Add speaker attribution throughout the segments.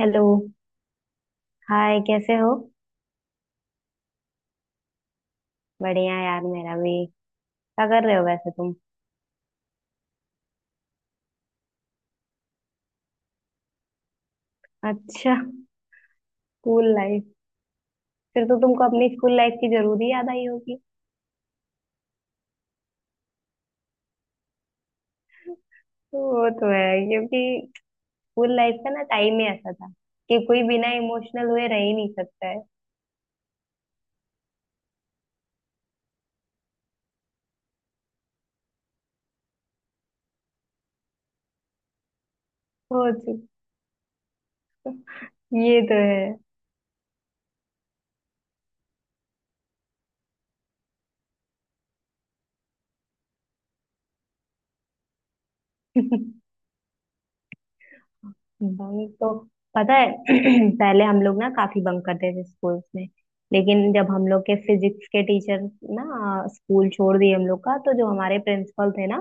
Speaker 1: Hello. Hi, कैसे हो? बढ़िया यार, मेरा भी। क्या कर रहे हो वैसे तुम? अच्छा। School life. फिर तो तुमको अपनी स्कूल लाइफ की जरूर ही याद आई होगी। वो तो है, क्योंकि स्कूल लाइफ का ना टाइम ही ऐसा था कि कोई बिना इमोशनल हुए रह ही नहीं सकता है। सोच। ये तो है। बंक तो पता है। पहले हम लोग ना काफी बंक करते थे स्कूल्स में। लेकिन जब हम लोग के फिजिक्स के टीचर ना स्कूल छोड़ दिए हम लोग का, तो जो हमारे प्रिंसिपल थे ना,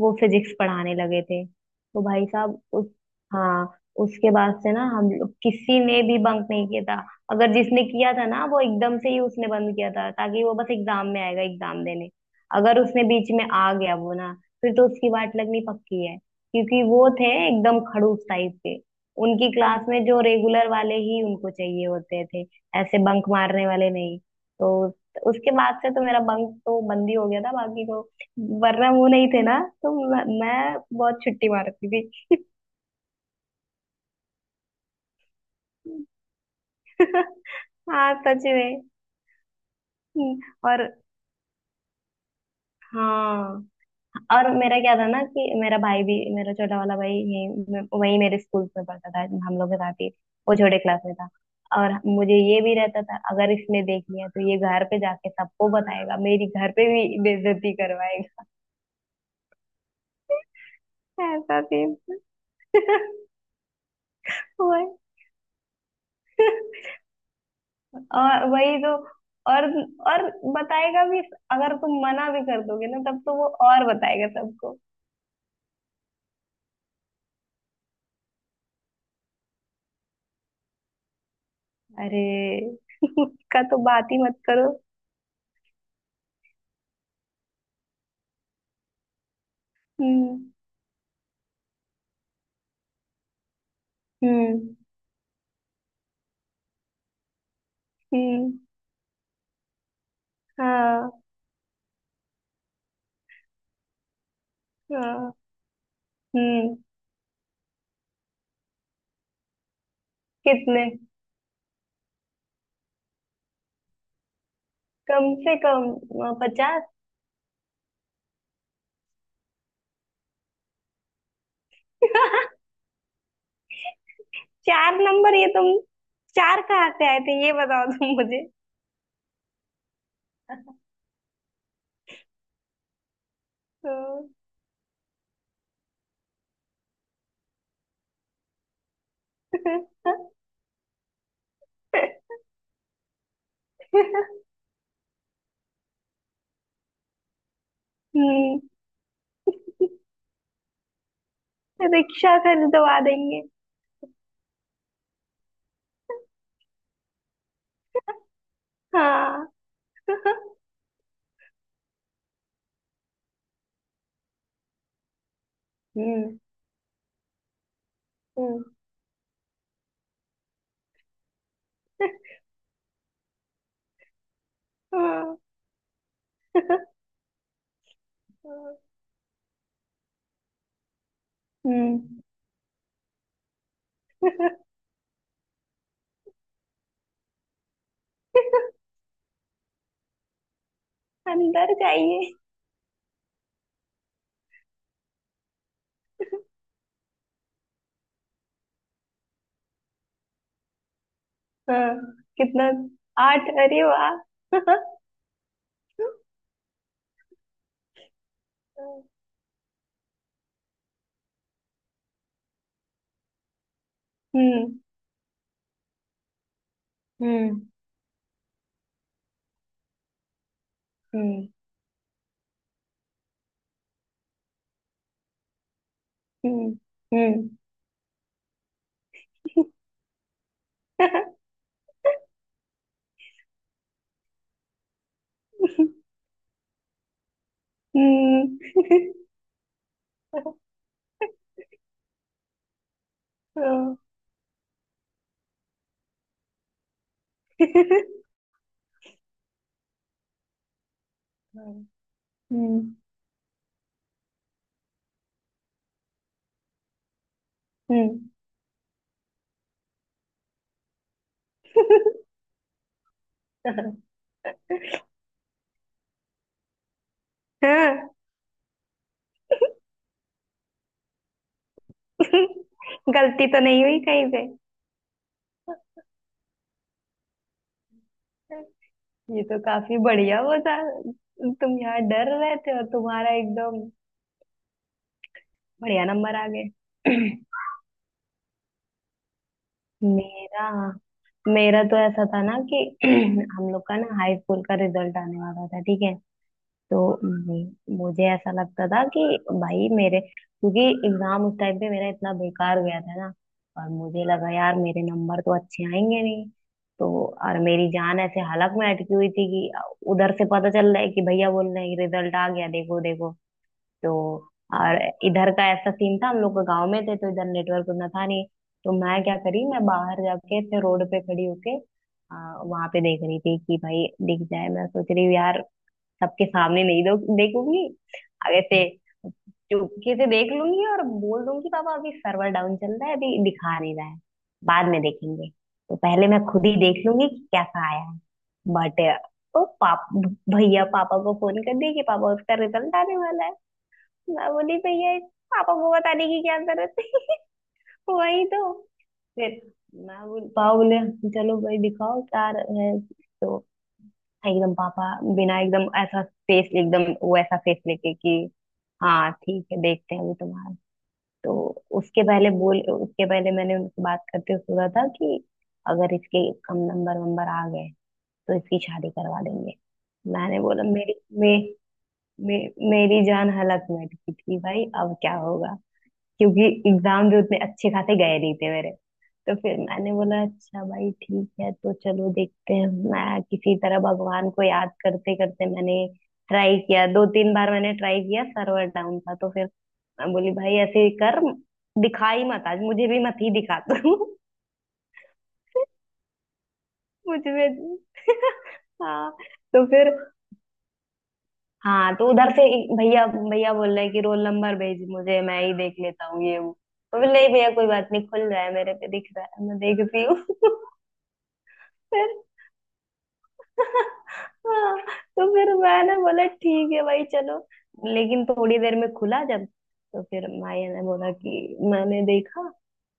Speaker 1: वो फिजिक्स पढ़ाने लगे थे, तो भाई साहब उस। हाँ। उसके बाद से ना हम लोग किसी ने भी बंक नहीं किया था। अगर जिसने किया था ना, वो एकदम से ही उसने बंद किया था ताकि वो बस एग्जाम में आएगा एग्जाम देने। अगर उसने बीच में आ गया वो ना, फिर तो उसकी वाट लगनी पक्की है। क्योंकि वो थे एकदम खड़ूस टाइप के। उनकी क्लास में जो रेगुलर वाले ही उनको चाहिए होते थे, ऐसे बंक मारने वाले नहीं। तो उसके बाद से तो मेरा बंक तो बंद ही हो गया था, बाकी तो। वरना वो नहीं थे ना, तो मैं बहुत छुट्टी मारती थी। हाँ सच में। और। हाँ। और मेरा क्या था ना कि मेरा भाई भी, मेरा छोटा वाला भाई यही वही मेरे स्कूल में पढ़ता था, हम लोग के साथ ही। वो छोटे क्लास में था। और मुझे ये भी रहता था, अगर इसने देख लिया तो ये घर पे जाके सबको बताएगा, मेरी घर पे भी बेइज्जती करवाएगा। ऐसा सीन। वही। और वही तो। और और बताएगा भी। अगर तुम मना भी कर दोगे ना, तब तो वो और बताएगा सबको। अरे। उसका तो बात ही मत करो। हम्म। हम्म। हम्म। हाँ। हाँ। हम्म। कितने? कम से कम। पचास। चार नंबर, ये तुम। चार कहाँ से आए थे ये बताओ तुम मुझे। तो। हम्म। रिक्शा खरीदवा देंगे। हाँ। हम्म। हम्म। हाँ। हम्म। अंदर जाइए। हाँ। कितना? आठ? अरे वाह। हम्म। हम्म। हम्म। हम्म। हम्म। हम्म। हम्म। हम्म। हाँ, गलती तो नहीं हुई कहीं से। ये तो काफी बढ़िया वो था। तुम यहाँ डर रहे थे और तुम्हारा एकदम बढ़िया नंबर आ गए। मेरा। मेरा तो ऐसा था ना कि हम लोग का ना हाई स्कूल का रिजल्ट आने वाला था, ठीक है? तो मुझे ऐसा लगता था कि भाई मेरे, क्योंकि एग्जाम उस टाइम पे मेरा इतना बेकार गया था ना, और मुझे लगा यार मेरे नंबर तो अच्छे आएंगे नहीं। तो। और मेरी जान ऐसे हालत में अटकी हुई थी कि उधर से पता चल रहा है कि भैया बोल रहे हैं रिजल्ट आ गया, देखो देखो। तो। और इधर का ऐसा सीन था, हम लोग गांव में थे तो इधर नेटवर्क उतना था नहीं। तो मैं क्या करी, मैं बाहर जाके ऐसे रोड पे खड़ी होके वहां पे देख रही थी कि भाई दिख जाए। मैं सोच रही हूँ यार, सबके सामने नहीं दो देखूंगी, आगे से चुपके से देख लूंगी और बोल दूंगी पापा अभी सर्वर डाउन चल रहा है, अभी दिखा नहीं रहा है, बाद में देखेंगे। तो पहले मैं खुद ही देख लूंगी कि कैसा आया है। बट। तो पाप भैया पापा को फोन कर दिए कि पापा उसका रिजल्ट आने वाला है। मैं बोली भैया, इस पापा को बताने की क्या जरूरत है? वही तो। फिर मैं बोल पापा बोले चलो भाई दिखाओ क्या है। तो एकदम पापा, बिना एकदम ऐसा फेस, एकदम वैसा फेस लेके कि हाँ ठीक है देखते हैं अभी तुम्हारा। तो उसके पहले बोल, उसके पहले मैंने उनसे बात करते हुए बोला था कि अगर इसके कम नंबर वंबर आ गए तो इसकी शादी करवा देंगे। मैंने बोला मे, मेरी जान हलक में अटकी थी भाई, अब क्या होगा? क्योंकि एग्जाम भी उतने अच्छे खासे गए नहीं थे मेरे। तो फिर मैंने बोला अच्छा भाई ठीक है तो चलो देखते हैं। मैं किसी तरह भगवान को याद करते करते, मैंने ट्राई किया, दो तीन बार मैंने ट्राई किया, सर्वर डाउन था। तो फिर मैं बोली भाई ऐसे ही कर, दिखा ही मत आज, मुझे भी मत ही दिखा तू। मुझे भी। हाँ। तो फिर। हाँ। तो उधर से ही भैया भैया बोल रहे हैं कि रोल नंबर भेज मुझे, मैं ही देख लेता हूँ, ये वो। तो बोले नहीं भैया कोई बात नहीं, खुल रहा है मेरे पे, दिख रहा है, मैं देखती हूँ। फिर। हाँ। तो फिर मैंने बोला ठीक है भाई चलो। लेकिन थोड़ी देर में खुला जब, तो फिर माया ने बोला कि मैंने देखा,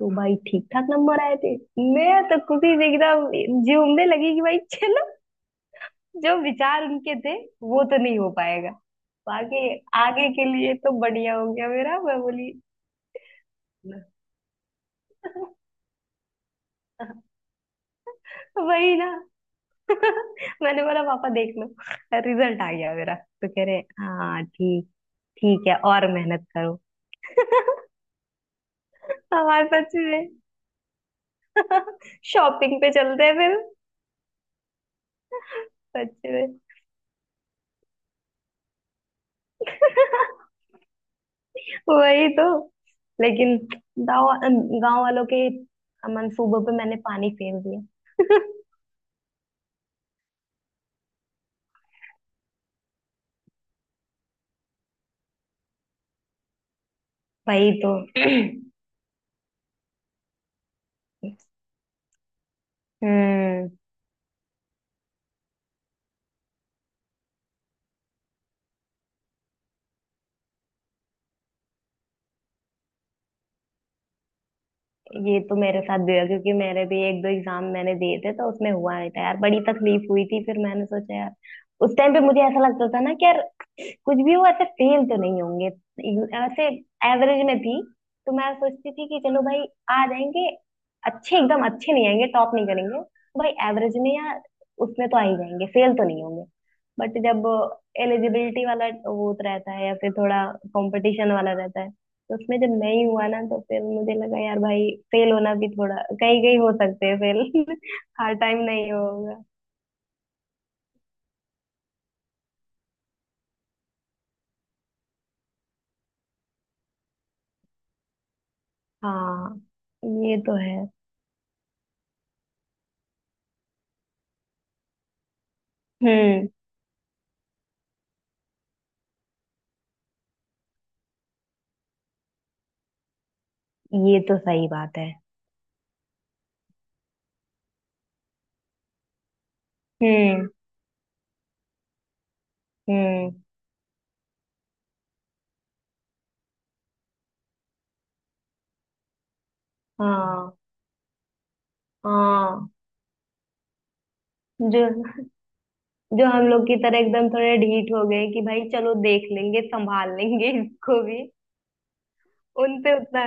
Speaker 1: तो भाई ठीक ठाक नंबर आए थे। मैं तो खुशी से एकदम झूमने लगी कि भाई चलो, जो विचार उनके थे वो तो नहीं हो। आगे। आगे के लिए तो बढ़िया हो गया मेरा, मैं बोली। वही ना। मैंने बोला पापा देख लो, रिजल्ट आ गया मेरा। तो कह रहे हाँ ठीक, ठीक है और मेहनत करो। हमारे सच में। शॉपिंग पे चलते हैं फिर। सच में। वही तो। लेकिन गांव गांव वालों के मंसूबों पे मैंने पानी फेर दिया। वही तो। हम्म। ये तो मेरे साथ भी हुआ, क्योंकि मेरे भी एक दो एग्जाम मैंने दिए थे तो उसमें हुआ नहीं था यार, बड़ी तकलीफ हुई थी। फिर मैंने सोचा यार, उस टाइम पे मुझे ऐसा लगता था ना कि यार कुछ भी हो, ऐसे फेल तो नहीं होंगे। ऐसे एवरेज में थी, तो मैं सोचती थी कि चलो भाई आ जाएंगे, अच्छे एकदम अच्छे नहीं आएंगे, टॉप नहीं करेंगे तो भाई एवरेज में, या उसमें तो आ ही जाएंगे, फेल तो नहीं होंगे। बट जब एलिजिबिलिटी वाला वो रहता है, या फिर थोड़ा कंपटीशन वाला रहता है, तो उसमें जब नहीं हुआ ना, तो फिर मुझे लगा यार भाई फेल होना भी, थोड़ा कहीं कहीं हो सकते हैं फेल। हर टाइम नहीं होगा। हाँ। ये तो है। हम्म। ये तो सही बात है। हम्म। हम्म। हाँ। हाँ। जो, जो हम लोग की तरह एकदम थोड़े ढीठ हो गए कि भाई चलो देख लेंगे, संभाल लेंगे इसको भी। उन पे उतना।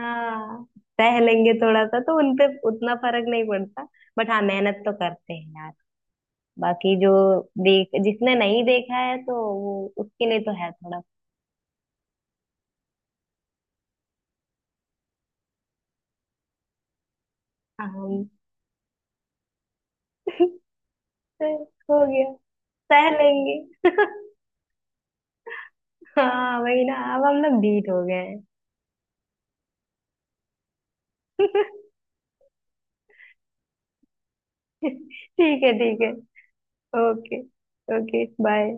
Speaker 1: हाँ, सह लेंगे थोड़ा सा, तो उन पे उतना फर्क नहीं पड़ता। बट हाँ मेहनत तो करते हैं बाकी। जो देख जिसने नहीं देखा है, तो वो उसके लिए तो है थोड़ा। काम। हो गया। सह लेंगे। हाँ वही ना, अब हम लोग बीट हो गए हैं। ठीक है ठीक है। ओके। ओके। बाय।